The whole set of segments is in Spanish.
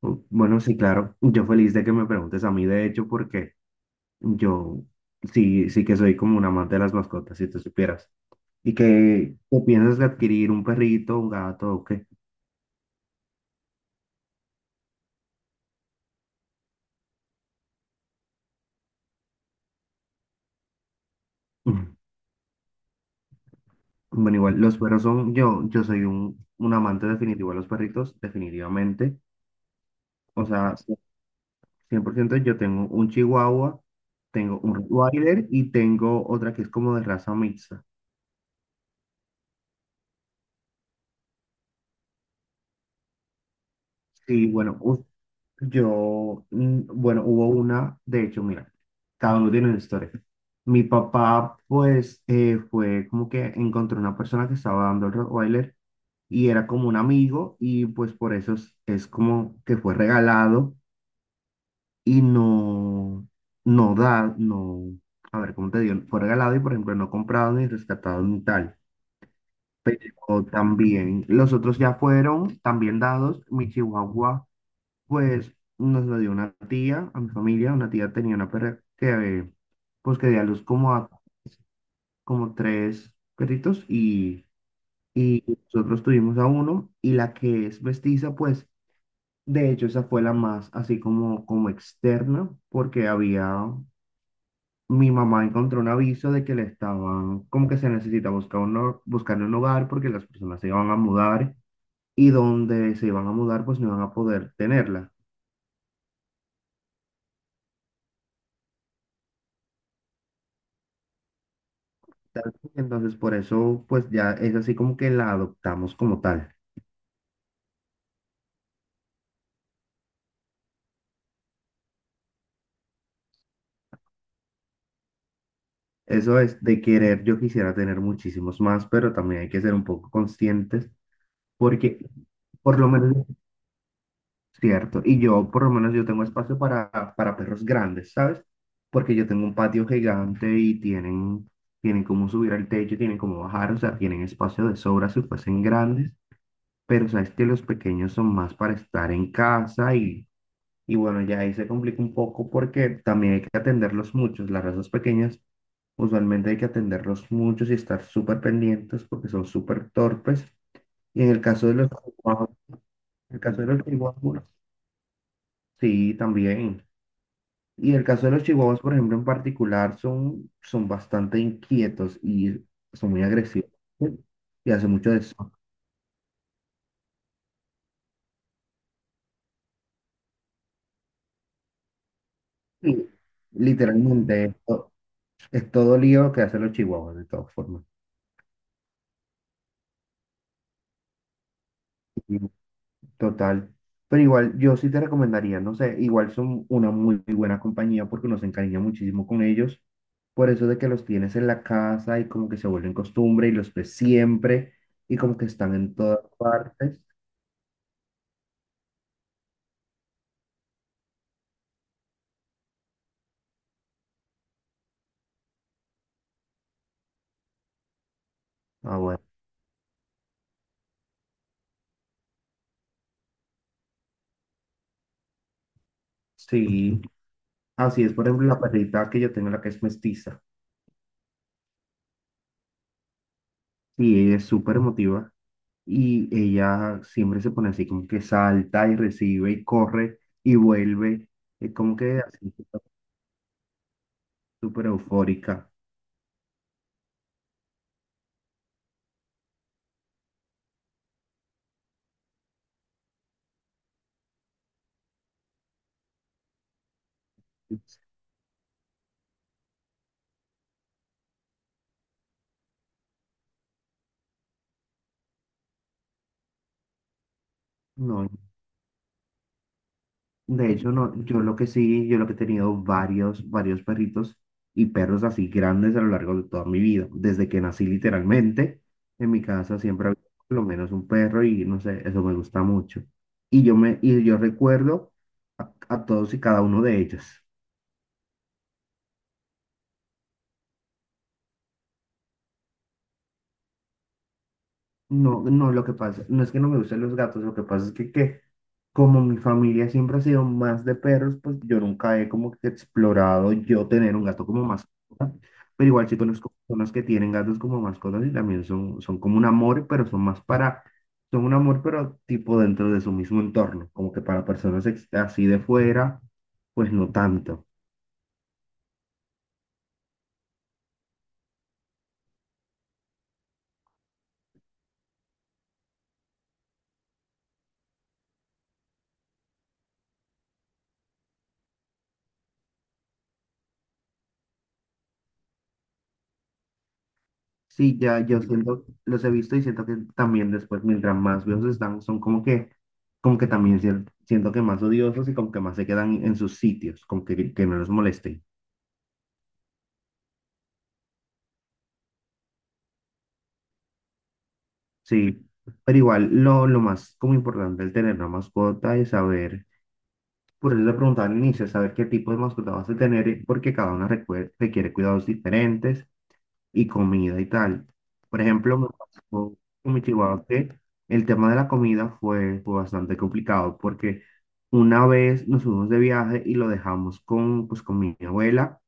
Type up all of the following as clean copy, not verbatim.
Oh, bueno, sí, claro. Yo feliz de que me preguntes a mí, de hecho, porque yo sí que soy como un amante de las mascotas, si tú supieras. ¿Y que te piensas de adquirir un perrito, un gato o qué? Mm. Bueno, igual, los perros son, yo soy un amante definitivo de los perritos, definitivamente. O sea, sí, 100%, yo tengo un chihuahua, tengo un Rottweiler y tengo otra que es como de raza mixta. Sí, bueno, yo, bueno, hubo una, de hecho, mira, cada uno tiene una historia. Mi papá, pues, fue como que encontró una persona que estaba dando el Rottweiler y era como un amigo, y pues por eso es como que fue regalado y no, no da, no, a ver, ¿cómo te digo? Fue regalado y, por ejemplo, no comprado ni rescatado ni tal. Pero también, los otros ya fueron también dados. Mi chihuahua, pues, nos lo dio una tía a mi familia; una tía tenía una perra que, pues, que dio a luz como a como tres perritos, y nosotros tuvimos a uno. Y la que es mestiza, pues, de hecho esa fue la más así como como externa porque había, mi mamá encontró un aviso de que le estaban como que se necesita buscar un buscar un hogar porque las personas se iban a mudar y donde se iban a mudar pues no iban a poder tenerla. Tal, entonces, por eso, pues ya es así como que la adoptamos como tal. Eso es de querer, yo quisiera tener muchísimos más, pero también hay que ser un poco conscientes porque, por lo menos, cierto, y yo por lo menos yo tengo espacio para perros grandes, ¿sabes? Porque yo tengo un patio gigante y tienen, tienen cómo subir al techo, tienen cómo bajar, o sea, tienen espacio de sobra si fuesen grandes, pero sabes que los pequeños son más para estar en casa. Y bueno, ya ahí se complica un poco porque también hay que atenderlos muchos. Las razas pequeñas, usualmente hay que atenderlos muchos y estar súper pendientes porque son súper torpes. Y en el caso de los chihuahuas, el caso de los chihuahuas, bueno, sí, también. Y en el caso de los chihuahuas, por ejemplo, en particular, son, son bastante inquietos y son muy agresivos, ¿sí? Y hacen mucho desorden. Y literalmente, esto es todo lío que hacen los chihuahuas, de todas formas. Total. Pero igual, yo sí te recomendaría, no sé, igual son una muy buena compañía porque uno se encariña muchísimo con ellos. Por eso de que los tienes en la casa y como que se vuelven costumbre y los ves siempre y como que están en todas partes. Ah, bueno. Sí. Así es, por ejemplo, la perrita que yo tengo, la que es mestiza. Y ella es súper emotiva y ella siempre se pone así como que salta y recibe y corre y vuelve. Es como que así, súper eufórica. No, de hecho no, yo lo que sí, yo lo que he tenido varios, varios perritos y perros así grandes a lo largo de toda mi vida, desde que nací, literalmente, en mi casa siempre había por lo menos un perro y no sé, eso me gusta mucho. Y y yo recuerdo a todos y cada uno de ellos. No, no, lo que pasa, no es que no me gusten los gatos, lo que pasa es que como mi familia siempre ha sido más de perros, pues yo nunca he como que explorado yo tener un gato como mascota, pero igual sí conozco personas que tienen gatos como mascotas y también son, son como un amor, pero son más para, son un amor, pero tipo dentro de su mismo entorno, como que para personas así de fuera, pues no tanto. Sí, ya yo siento, los he visto y siento que también después, mientras más viejos están, son como que también siento que más odiosos y como que más se quedan en sus sitios, como que no los molesten. Sí, pero igual lo más como importante el tener una mascota es saber, por eso le preguntaba al inicio, saber qué tipo de mascota vas a tener, porque cada una requiere cuidados diferentes y comida y tal. Por ejemplo, me pasó con mi chihuahua que el tema de la comida fue, fue bastante complicado porque una vez nos fuimos de viaje y lo dejamos con, pues, con mi abuela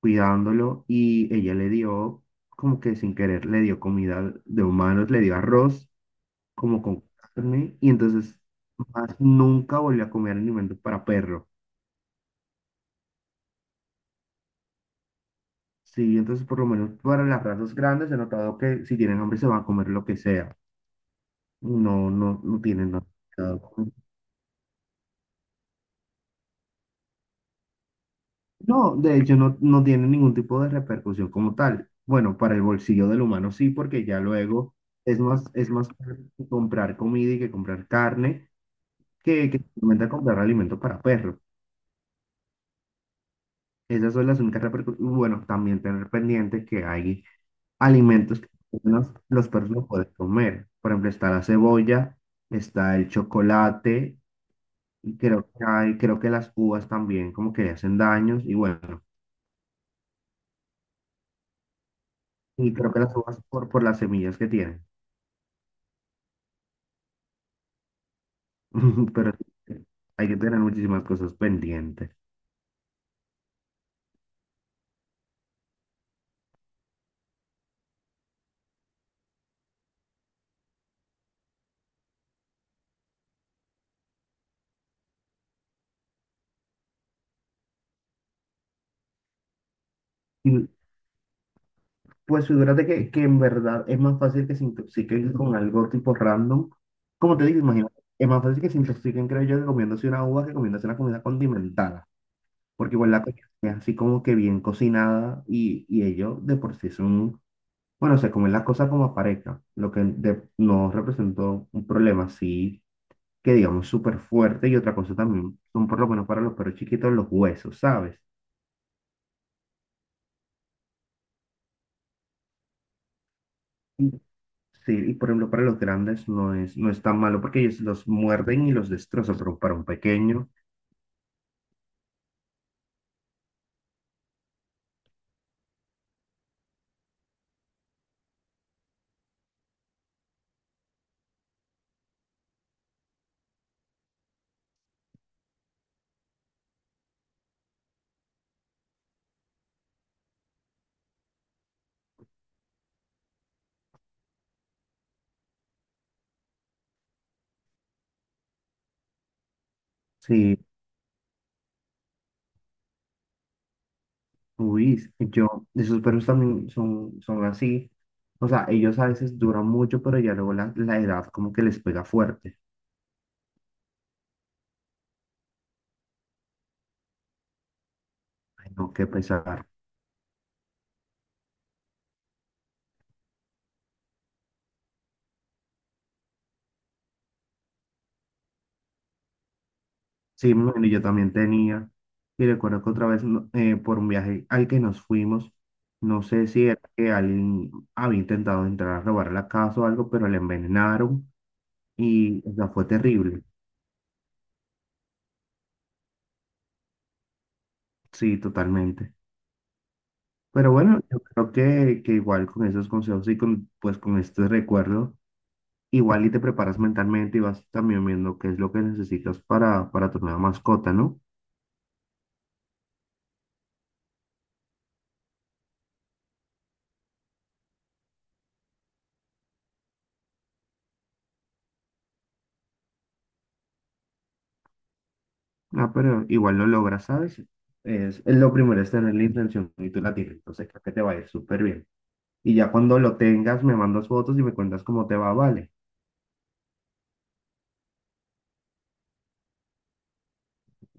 cuidándolo, y ella le dio, como que sin querer, le dio comida de humanos, le dio arroz como con carne, y entonces más nunca volvió a comer alimentos para perro. Sí, entonces por lo menos para las razas grandes he notado que si tienen hambre se van a comer lo que sea. No, no, no tiene nada. No, de hecho no, no tiene ningún tipo de repercusión como tal. Bueno, para el bolsillo del humano sí, porque ya luego es más caro comprar comida y que comprar carne que simplemente comprar alimento para perros. Esas son las únicas repercusiones. Bueno, también tener pendiente que hay alimentos que los perros no pueden comer. Por ejemplo, está la cebolla, está el chocolate, y creo que hay, creo que las uvas también como que le hacen daños y bueno. Y creo que las uvas por las semillas que tienen. Pero sí, hay que tener muchísimas cosas pendientes. Y, pues figúrate que en verdad es más fácil que se intoxiquen con algo tipo random. Como te digo, imagínate, es más fácil que se intoxiquen, creo yo, que comiéndose una uva que comiéndose una comida condimentada. Porque igual la comida es así como que bien cocinada y ellos de por sí son, bueno, se comen las cosas como pareja, lo que de- no representó un problema así que digamos súper fuerte. Y otra cosa también son, por lo menos para los perros chiquitos, los huesos, ¿sabes? Sí, y por ejemplo, para los grandes no es, no es tan malo porque ellos los muerden y los destrozan, pero para un pequeño, sí, uy, yo, esos perros también son, son así. O sea, ellos a veces duran mucho, pero ya luego la, la edad como que les pega fuerte. Ay, no, qué pesar. Sí, bueno, yo también tenía, y recuerdo que otra vez no- por un viaje al que nos fuimos, no sé si era que alguien había intentado entrar a robar la casa o algo, pero le envenenaron y, o sea, fue terrible. Sí, totalmente. Pero bueno, yo creo que igual con esos consejos y con, pues con este recuerdo, igual y te preparas mentalmente y vas también viendo qué es lo que necesitas para tu nueva mascota, ¿no? Ah, pero igual lo logras, ¿sabes? Es lo primero es tener la intención y tú la tienes, entonces creo que te va a ir súper bien. Y ya cuando lo tengas, me mandas fotos y me cuentas cómo te va, vale.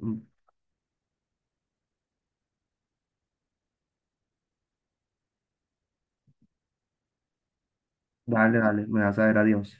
Mm. Dale, dale, me vas a ver, adiós.